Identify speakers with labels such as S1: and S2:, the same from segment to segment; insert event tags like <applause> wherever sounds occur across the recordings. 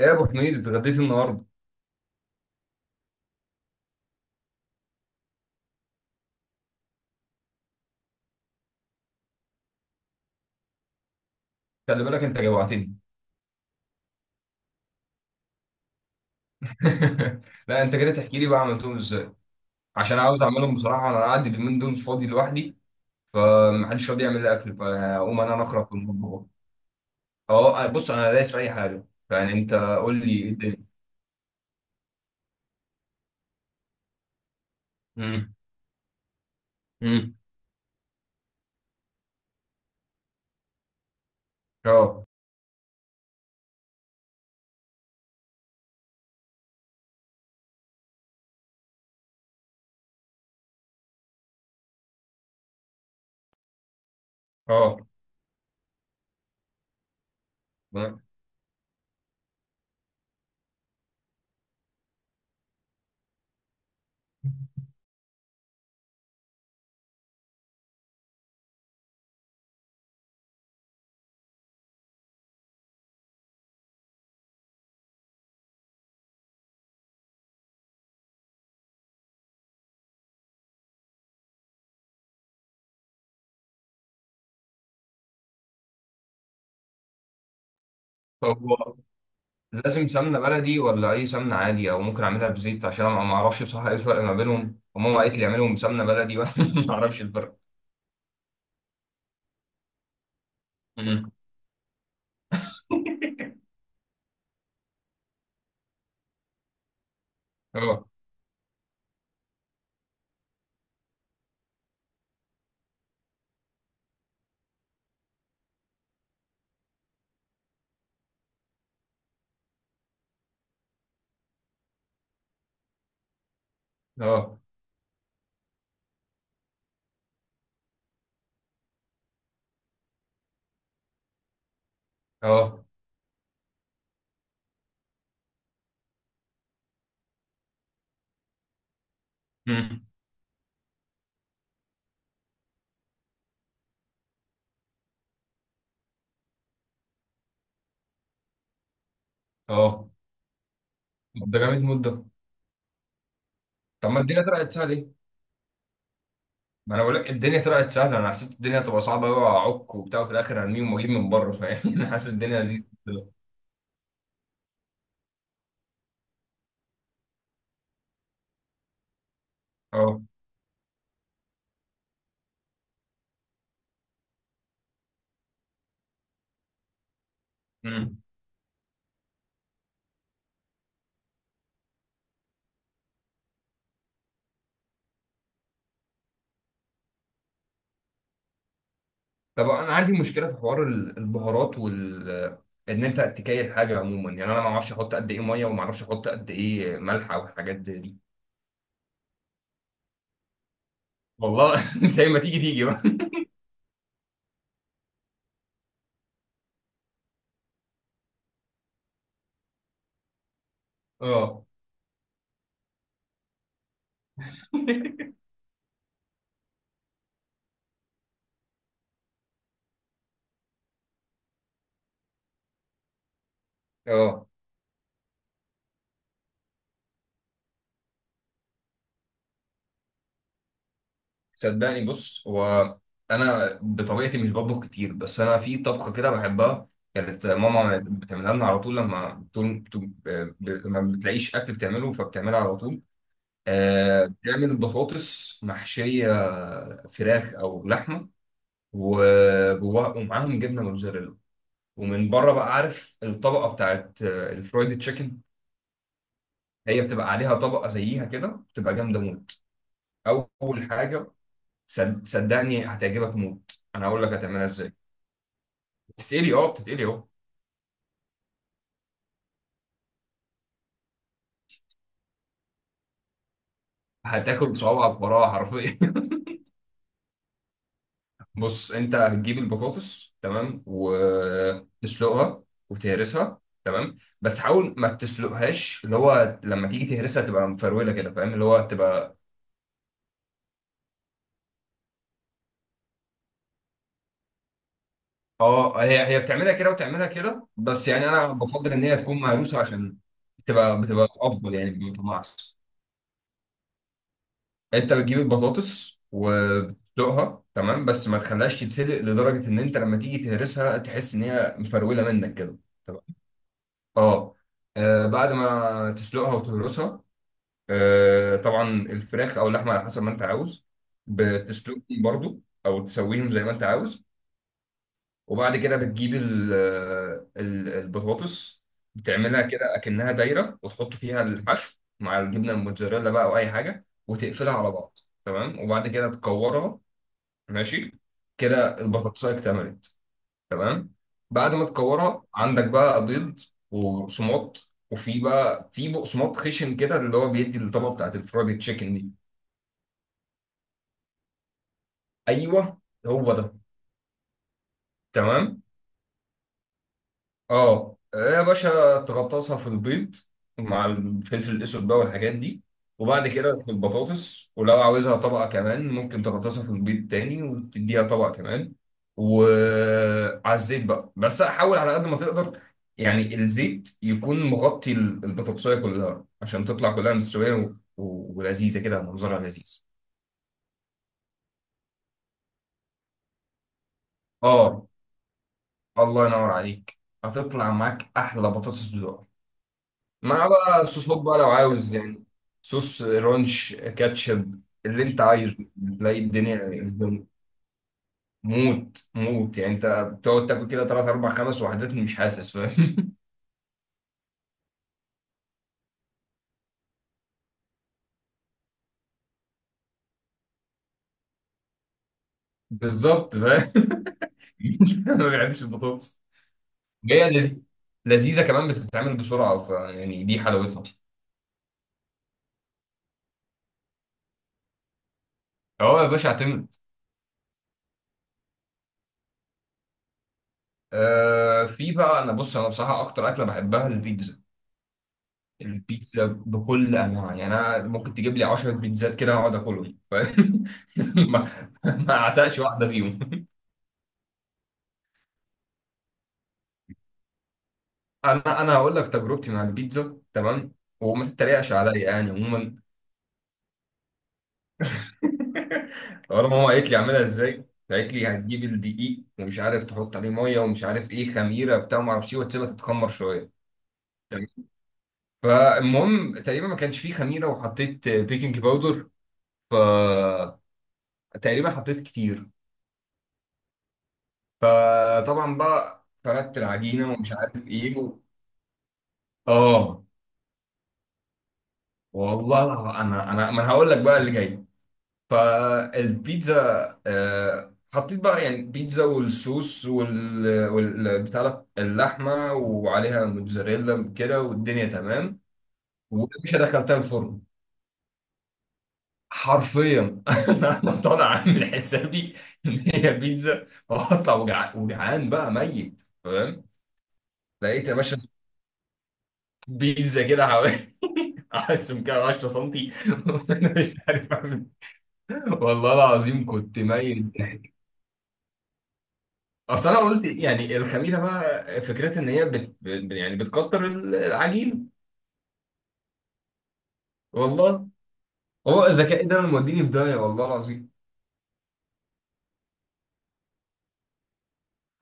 S1: ايه يا ابو حميد، اتغديت النهارده؟ خلي بالك، انت جوعتني. <laughs> لا، انت كده تحكي لي بقى عملتهم ازاي. عشان عاوز اعملهم بصراحه، انا قاعد اليومين دول فاضي لوحدي. محدش راضي يعمل لي اكل فاقوم انا نخرب في المطبخ. اه، بص انا دايس في اي حاجه. يعني انت قول لي ايه الدنيا. امم. امم. اه. اه. طب هو لازم سمنه بلدي ولا اي سمنه عادي، او ممكن اعملها بزيت؟ عشان انا ما اعرفش بصراحه ايه الفرق ما بينهم، وماما قالت لي اعملهم بسمنه بلدي وانا <laughs> ما اعرفش الفرق. مم. اه. اه. اه. امم. اه. طب ده جامد مده؟ طب ما الدنيا طلعت سهله ليه؟ ما انا بقول لك الدنيا طلعت سهله. انا حسيت الدنيا هتبقى صعبه قوي، واعك وبتاع، وفي الاخر هرميهم واجيب من بره، فاهم؟ <laughs> انا حاسس الدنيا لذيذه كده. اه. امم. طب انا عندي مشكله في حوار البهارات، ان انت تكايل حاجه عموما. يعني انا ما اعرفش احط قد ايه ميه، وما اعرفش احط قد ايه ملح او حاجات زي دي. والله <laughs> زي ما تيجي تيجي بقى. اه. <laughs> اه. صدقني، بص هو، انا بطبيعتي مش بطبخ كتير، بس انا في طبخه كده بحبها. كانت ماما بتعملها لنا على طول، لما بتلاقيش اكل بتعمله فبتعملها على طول. بتعمل بطاطس محشيه فراخ او لحمه، وجواها ومعاهم جبنه موتزاريلا، ومن بره بقى عارف الطبقه بتاعت الفرايد تشيكن، هي بتبقى عليها طبقه زيها كده، بتبقى جامده موت. اول حاجه، صدقني هتعجبك موت، انا هقول لك هتعملها ازاي. بتتقلي، اه بتتقلي اهو. هتاكل بصوابعك وراها حرفيا. <laughs> بص، انت هتجيب البطاطس تمام وتسلقها وتهرسها، تمام؟ بس حاول ما تسلقهاش، اللي هو لما تيجي تهرسها تبقى مفروله كده، فاهم؟ اللي هو تبقى. اه، هي هي بتعملها كده وتعملها كده، بس يعني انا بفضل ان هي تكون مهروسه، عشان تبقى بتبقى افضل، يعني ما تطلعش. انت بتجيب البطاطس وبتسلقها تمام، بس ما تخليهاش تتسلق لدرجه ان انت لما تيجي تهرسها تحس ان هي مفروله منك كده. تمام. اه. بعد ما تسلقها وتهرسها، طبعا الفراخ او اللحمه على حسب ما انت عاوز، بتسلقهم برضو، او تسويهم زي ما انت عاوز. وبعد كده بتجيب البطاطس، بتعملها كده اكنها دايره، وتحط فيها الحشو مع الجبنه الموتزاريلا بقى، او اي حاجه، وتقفلها على بعض. تمام، وبعد كده تكورها. ماشي. كده البطاطسايه اكتملت. تمام. بعد ما تكورها، عندك بقى بيض وبقسماط، وفي بقى في بقسماط خشن كده، اللي هو بيدي الطبقه بتاعت الفرايد تشيكن دي. ايوه، هو ده. تمام. اه. ايه يا باشا؟ تغطسها في البيض مع الفلفل الاسود بقى والحاجات دي. وبعد كده في البطاطس، ولو عاوزها طبقه كمان، ممكن تغطسها في البيض تاني وتديها طبقه كمان. وعلى الزيت بقى، بس حاول على قد ما تقدر يعني الزيت يكون مغطي البطاطسايه كلها، عشان تطلع كلها مستويه ولذيذه كده، منظرها لذيذ. اه. الله ينور عليك، هتطلع معاك احلى بطاطس. مع بقى صوصات بقى لو عاوز، يعني صوص رانش، كاتشب، اللي انت عايزه، تلاقي الدنيا قدامك. موت موت، يعني انت بتقعد تاكل كده ثلاث اربع خمس وحدات مش حاسس، فاهم؟ <laughs> بالظبط، فاهم. <laughs> انا ما بحبش البطاطس. هي لذيذه كمان، بتتعمل بسرعه، ف يعني دي حلاوتها. اه يا باشا، اعتمد. في بقى انا، بص انا بصراحه اكتر اكله بحبها البيتزا. البيتزا بكل انواع، يعني انا ممكن تجيب لي 10 بيتزات كده اقعد اكلهم، فاهم؟ <laughs> ما ما اعتقش واحده فيهم. انا هقول لك تجربتي مع البيتزا، تمام، وما تتريقش عليا يعني عموما. <laughs> اول ما ماما قالت لي اعملها ازاي، قالت لي هتجيب الدقيق، ومش عارف تحط عليه ميه، ومش عارف ايه خميره بتاع ما اعرفش ايه، وتسيبها تتخمر شويه. تمام. فالمهم، تقريبا ما كانش فيه خميره، وحطيت بيكنج باودر، ف تقريبا حطيت كتير. فطبعا بقى فردت العجينه ومش عارف ايه اه. والله، انا انا ما انا هقول لك بقى اللي جاي. فالبيتزا، حطيت بقى يعني بيتزا، والصوص، بتاع ده، اللحمه، وعليها موتزاريلا كده، والدنيا تمام. ومش دخلتها الفرن. حرفيا <laughs> انا طالع عامل حسابي ان هي بيتزا، وهطلع وجعان بقى ميت، تمام. لقيت يا باشا بيتزا كده حوالي <laughs> عايزهم كده 10 سنتي. <laughs> وانا مش عارف اعمل إيه. والله العظيم كنت ميت ضحك. اصل انا قلت يعني الخميره بقى، فكرتها ان هي يعني بتكتر العجين، والله. هو الذكاء ده اللي موديني في داهيه، والله العظيم.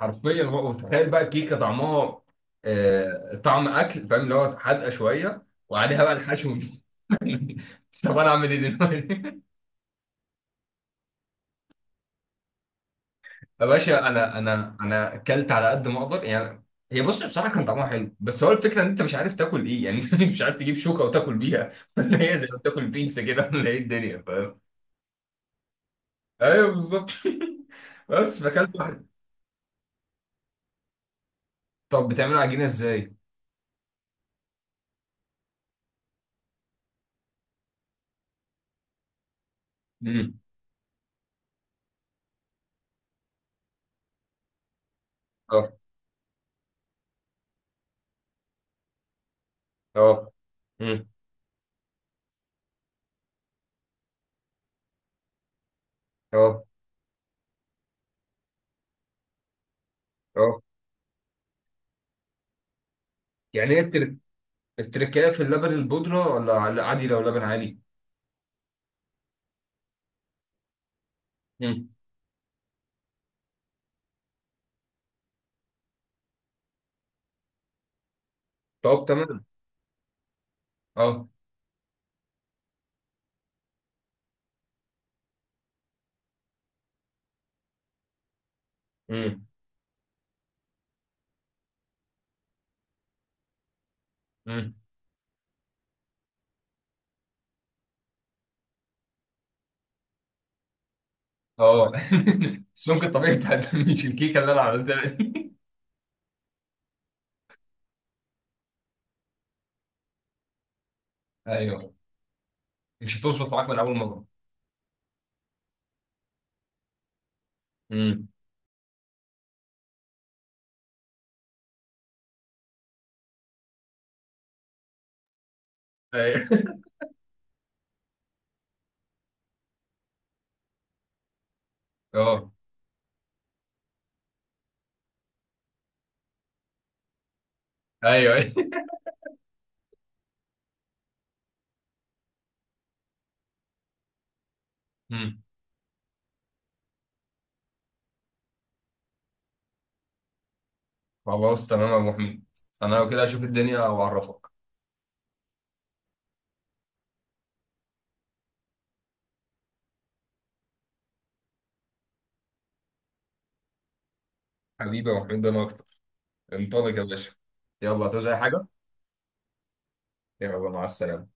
S1: حرفيا بقى، وتخيل بقى الكيكه طعمها طعم اكل، فاهم؟ اللي هو حادقه شويه، وعليها بقى الحشو. <laughs> طب انا اعمل ايه دلوقتي؟ يا باشا، انا اكلت على قد ما اقدر يعني. هي بص بصراحه كان طعمها حلو، بس هو الفكره ان انت مش عارف تاكل ايه يعني. <laughs> انت مش عارف تجيب شوكه وتاكل بيها، ولا هي زي ما بتاكل بيتزا كده، ولا ايه الدنيا، فاهم؟ ايوه بالظبط. <laughs> بس فاكلت واحد. طب بتعملوا عجينه ازاي؟ امم. اه. اه. امم. اه. اه. يعني ايه التركية في اللبن البودره، ولا عادي لو لبن عادي؟ امم. طب تمام. اه. امم. امم. اه. <laughs> السمك الطبيعي بتاع، مش الكيكه اللي انا عملتها دي. ايوه، مش هتظبط معاك من اول مره. امم. أيوة. <laughs> اه. ايوه. ايوه. امم. خلاص تمام يا ابو حميد، انا لو كده اشوف الدنيا واعرفك. حبيبي يا ابو حميد، انا اكتر. انطلق يا باشا. يلا هتعوز اي حاجه؟ يلا مع السلامه.